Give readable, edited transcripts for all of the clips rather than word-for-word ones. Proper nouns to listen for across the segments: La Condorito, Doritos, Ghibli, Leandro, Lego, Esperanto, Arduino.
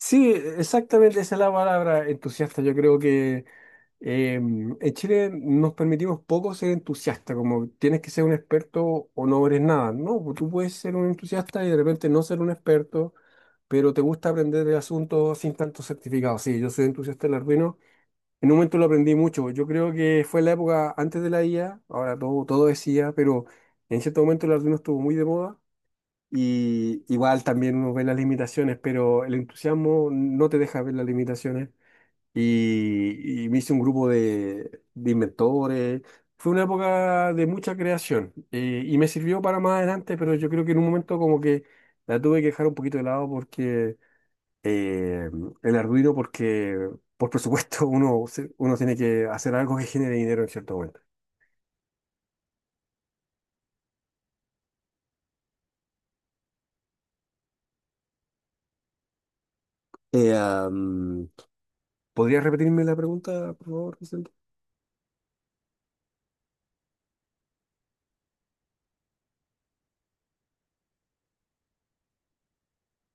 Sí, exactamente esa es la palabra, entusiasta. Yo creo que en Chile nos permitimos poco ser entusiasta, como tienes que ser un experto o no eres nada. No, pues tú puedes ser un entusiasta y de repente no ser un experto, pero te gusta aprender de asuntos sin tanto certificado. Sí, yo soy entusiasta del Arduino. En un momento lo aprendí mucho. Yo creo que fue la época antes de la IA, ahora todo es IA, pero en cierto momento el Arduino estuvo muy de moda. Y igual también uno ve las limitaciones, pero el entusiasmo no te deja ver las limitaciones. Y me hice un grupo de inventores. Fue una época de mucha creación, y me sirvió para más adelante, pero yo creo que en un momento como que la tuve que dejar un poquito de lado porque eh, el Arduino, porque por presupuesto uno, uno tiene que hacer algo que genere dinero en cierto momento. Eh, am, ¿Podrías repetirme la pregunta, por favor?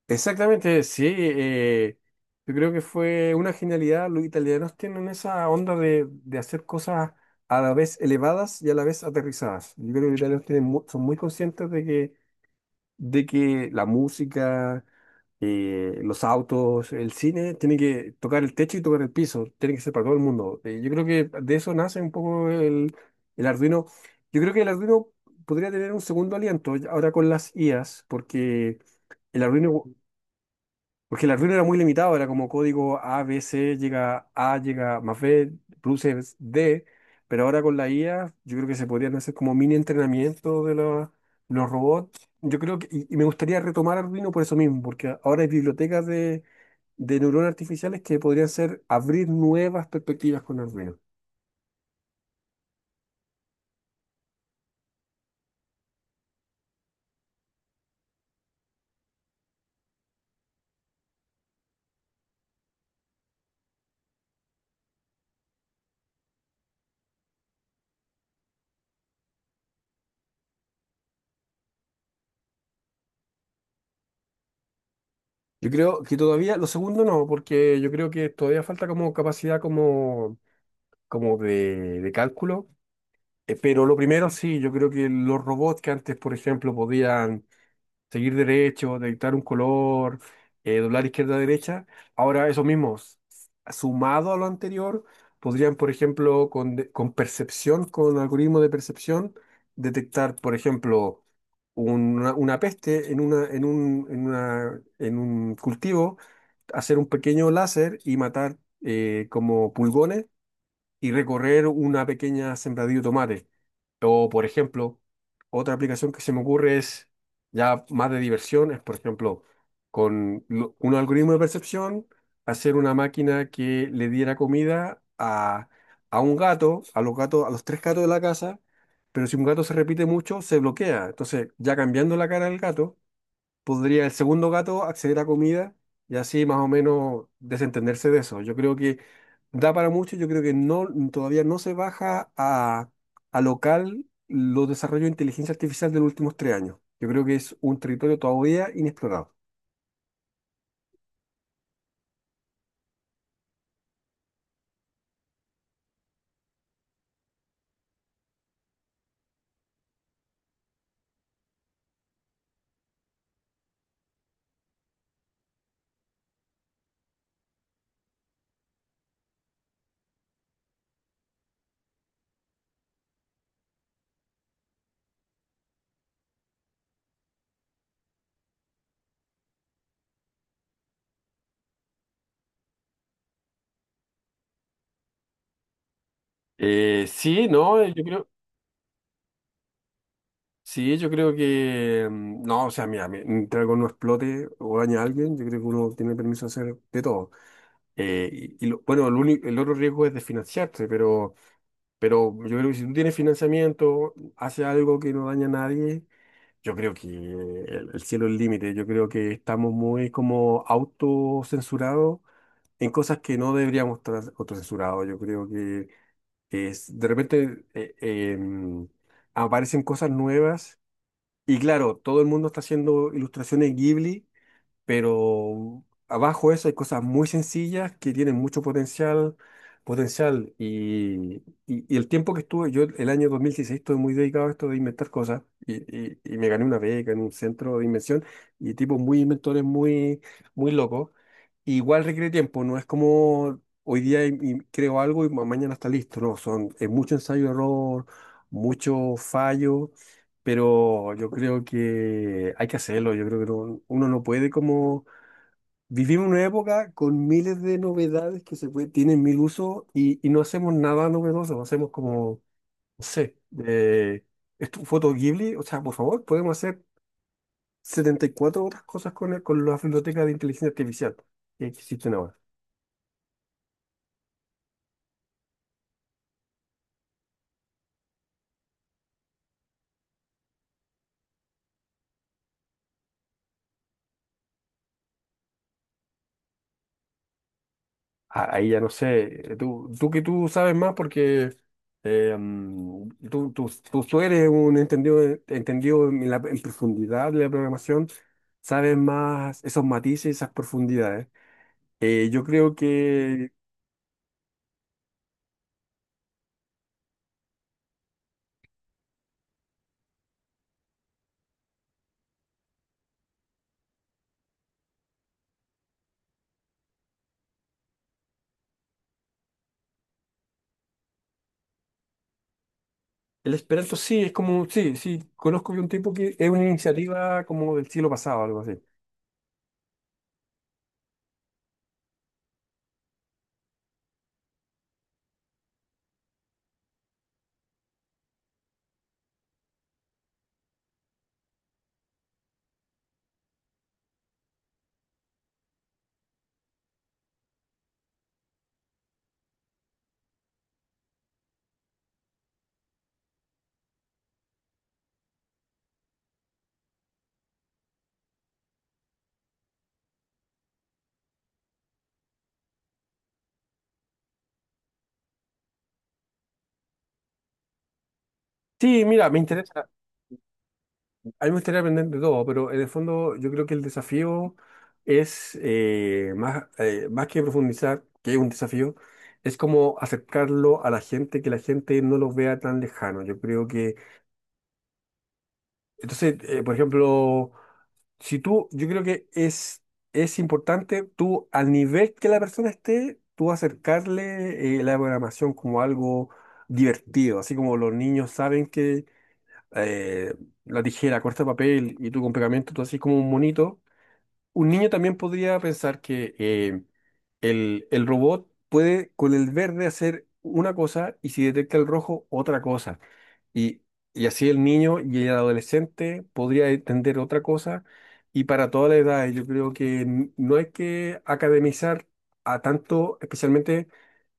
Exactamente, sí. Yo creo que fue una genialidad. Los italianos tienen esa onda de hacer cosas a la vez elevadas y a la vez aterrizadas. Yo creo que los italianos tienen son muy conscientes de que la música, los autos, el cine, tiene que tocar el techo y tocar el piso. Tiene que ser para todo el mundo. Yo creo que de eso nace un poco el Arduino. Yo creo que el Arduino podría tener un segundo aliento ahora con las IAs, porque… El Arduino, porque el Arduino era muy limitado, era como código A, B, C, llega A, llega más B, produce D, pero ahora con la IA yo creo que se podrían hacer como mini entrenamiento de los robots. Yo creo que, y me gustaría retomar Arduino por eso mismo, porque ahora hay bibliotecas de neuronas artificiales que podrían ser abrir nuevas perspectivas con Arduino. Yo creo que todavía, lo segundo no, porque yo creo que todavía falta como capacidad como, como de cálculo. Pero lo primero, sí, yo creo que los robots que antes, por ejemplo, podían seguir derecho, detectar un color, doblar izquierda a derecha, ahora esos mismos, sumado a lo anterior, podrían, por ejemplo, con, con percepción, con algoritmo de percepción, detectar, por ejemplo, una peste en un cultivo, hacer un pequeño láser y matar, como pulgones, y recorrer una pequeña sembradilla de tomate. O, por ejemplo, otra aplicación que se me ocurre es ya más de diversión, es, por ejemplo, con un algoritmo de percepción, hacer una máquina que le diera comida a un gato, a los gatos, a los 3 gatos de la casa, pero si un gato se repite mucho, se bloquea. Entonces, ya cambiando la cara del gato podría el segundo gato acceder a comida y así más o menos desentenderse de eso. Yo creo que da para mucho, yo creo que no, todavía no se baja a local los desarrollos de inteligencia artificial de los últimos 3 años. Yo creo que es un territorio todavía inexplorado. Sí, no, yo creo, sí, yo creo que, no, o sea, mira, mientras algo no explote o daña a alguien, yo creo que uno tiene permiso de hacer de todo. Eh, y, bueno, único, el otro riesgo es desfinanciarse, pero yo creo que si tú tienes financiamiento, haces algo que no daña a nadie, yo creo que el cielo es el límite. Yo creo que estamos muy como autocensurados en cosas que no deberíamos estar autocensurados. Yo creo que es, de repente aparecen cosas nuevas y claro, todo el mundo está haciendo ilustraciones Ghibli, pero abajo de eso hay cosas muy sencillas que tienen mucho potencial y el tiempo que estuve, yo el año 2016 estuve muy dedicado a esto de inventar cosas y me gané una beca en un centro de invención y tipos muy inventores, muy, muy locos. Igual requiere tiempo, no es como hoy día creo algo y mañana está listo, no, son, es mucho ensayo-error, mucho fallo, pero yo creo que hay que hacerlo, yo creo que uno no puede como… Vivimos una época con miles de novedades tienen mil usos y no hacemos nada novedoso, no hacemos como, no sé, eh, esto, foto Ghibli, o sea, por favor, podemos hacer 74 otras cosas con, con la biblioteca de inteligencia artificial que existen ahora. Ahí ya no sé, tú, tú que tú sabes más porque tú eres un entendido, entendido en, la, en profundidad de la programación, sabes más esos matices, esas profundidades. Yo creo que el Esperanto sí, es como, sí, sí, conozco de un tipo que es una iniciativa como del siglo pasado, algo así. Sí, mira, me interesa. A mí me gustaría aprender de todo, pero en el fondo yo creo que el desafío es, más que profundizar, que es un desafío, es como acercarlo a la gente, que la gente no lo vea tan lejano. Yo creo que, entonces, por ejemplo, si tú, yo creo que es importante tú, al nivel que la persona esté, tú acercarle, la programación como algo divertido, así como los niños saben que eh, la tijera corta papel y tú con pegamento, tú haces como un monito. Un niño también podría pensar que, el robot puede con el verde hacer una cosa y si detecta el rojo, otra cosa. Y, y así el niño y el adolescente podría entender otra cosa. Y para toda la edad, yo creo que no hay que academizar a tanto, especialmente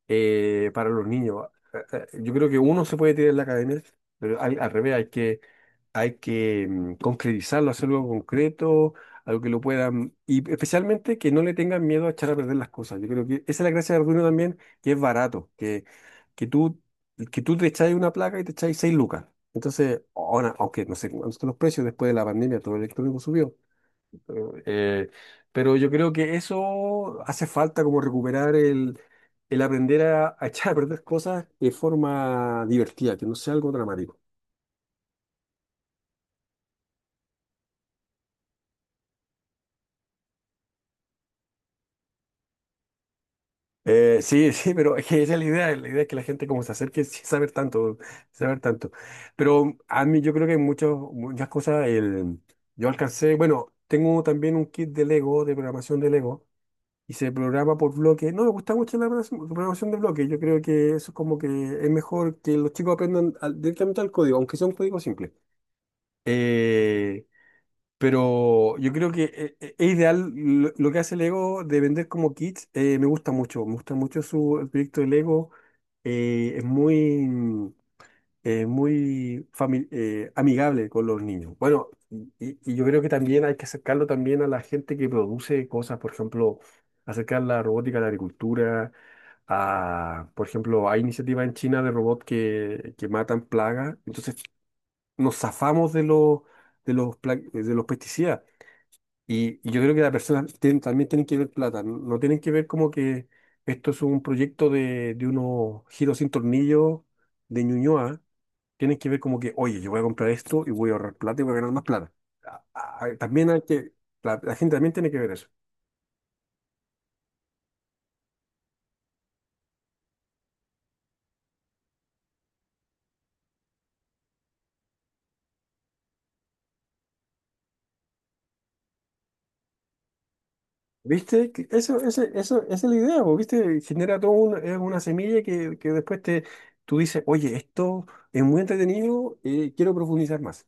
para los niños. Yo creo que uno se puede tirar en la academia, pero al revés, hay que concretizarlo, hacer algo concreto, algo que lo puedan, y especialmente que no le tengan miedo a echar a perder las cosas. Yo creo que esa es la gracia de Arduino también, que es barato, que tú, que tú te echáis una placa y te echáis 6 lucas. Entonces, ahora, aunque no sé cuántos son los precios después de la pandemia, todo el electrónico subió, eh, pero yo creo que eso hace falta como recuperar el aprender a echar a perder cosas de forma divertida, que no sea algo dramático. Sí, sí, pero es que esa es la idea es que la gente como se acerque sin saber tanto, sin saber tanto. Pero a mí yo creo que hay muchas, muchas cosas, el, yo alcancé, bueno, tengo también un kit de Lego, de programación de Lego, y se programa por bloque. No, me gusta mucho la programación de bloque. Yo creo que eso es como que es mejor que los chicos aprendan directamente al código, aunque sea un código simple. Eh, pero yo creo que es ideal lo que hace Lego de vender como kits. Me gusta mucho, me gusta mucho su, el proyecto de Lego. Es muy, amigable con los niños. Bueno, y yo creo que también hay que acercarlo también a la gente que produce cosas, por ejemplo, acercar la robótica a la agricultura, a, por ejemplo, hay iniciativas en China de robots que matan plagas, entonces nos zafamos de los, de los pesticidas. Y yo creo que las también tienen que ver plata, no tienen que ver como que esto es un proyecto de unos giros sin tornillo de Ñuñoa, tienen que ver como que, oye, yo voy a comprar esto y voy a ahorrar plata y voy a ganar más plata. También hay que, la gente también tiene que ver eso. ¿Viste? Que Eso, ese- eso, esa es la idea, po, ¿viste? Genera todo es una semilla que después te, tú dices, oye, esto es muy entretenido, quiero profundizar más.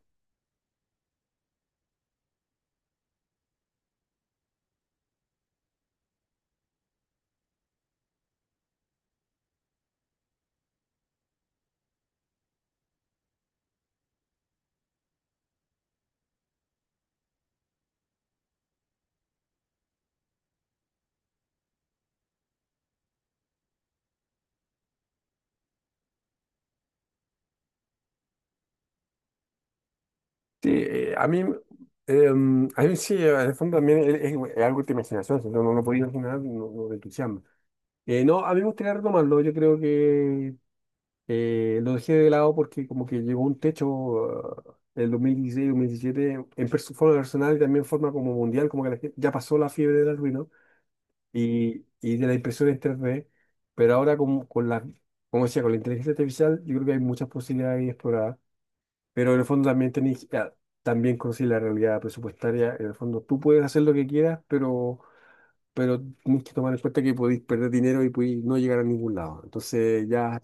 Sí, a mí sí, en el fondo también es, es algo de imaginación, si no, no lo podía imaginar, no, no te entusiasma. No, a mí me gustaría retomarlo, yo creo que… lo dejé de lado porque como que llegó un techo en el 2016-2017 en forma personal y también en forma como mundial, como que ya pasó la fiebre del Arduino y de la impresión en 3D, pero ahora con la, como decía, con la inteligencia artificial yo creo que hay muchas posibilidades ahí exploradas, pero en el fondo también tenéis, ah, también conocí la realidad presupuestaria, en el fondo tú puedes hacer lo que quieras, pero… pero tienes que tomar en cuenta que podéis perder dinero y podéis no llegar a ningún lado. Entonces ya…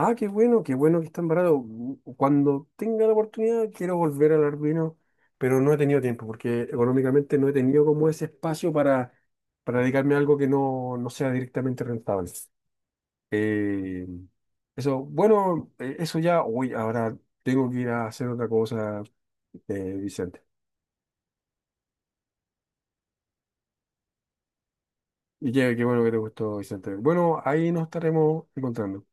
Ah, qué bueno que están baratos. Cuando tenga la oportunidad quiero volver al Arduino, pero no he tenido tiempo porque económicamente no he tenido como ese espacio para dedicarme a algo que no, no sea directamente rentable. Eh, eso, bueno, eso ya, uy, ahora tengo que ir a hacer otra cosa, Vicente. Qué bueno que te gustó, Vicente. Bueno, ahí nos estaremos encontrando.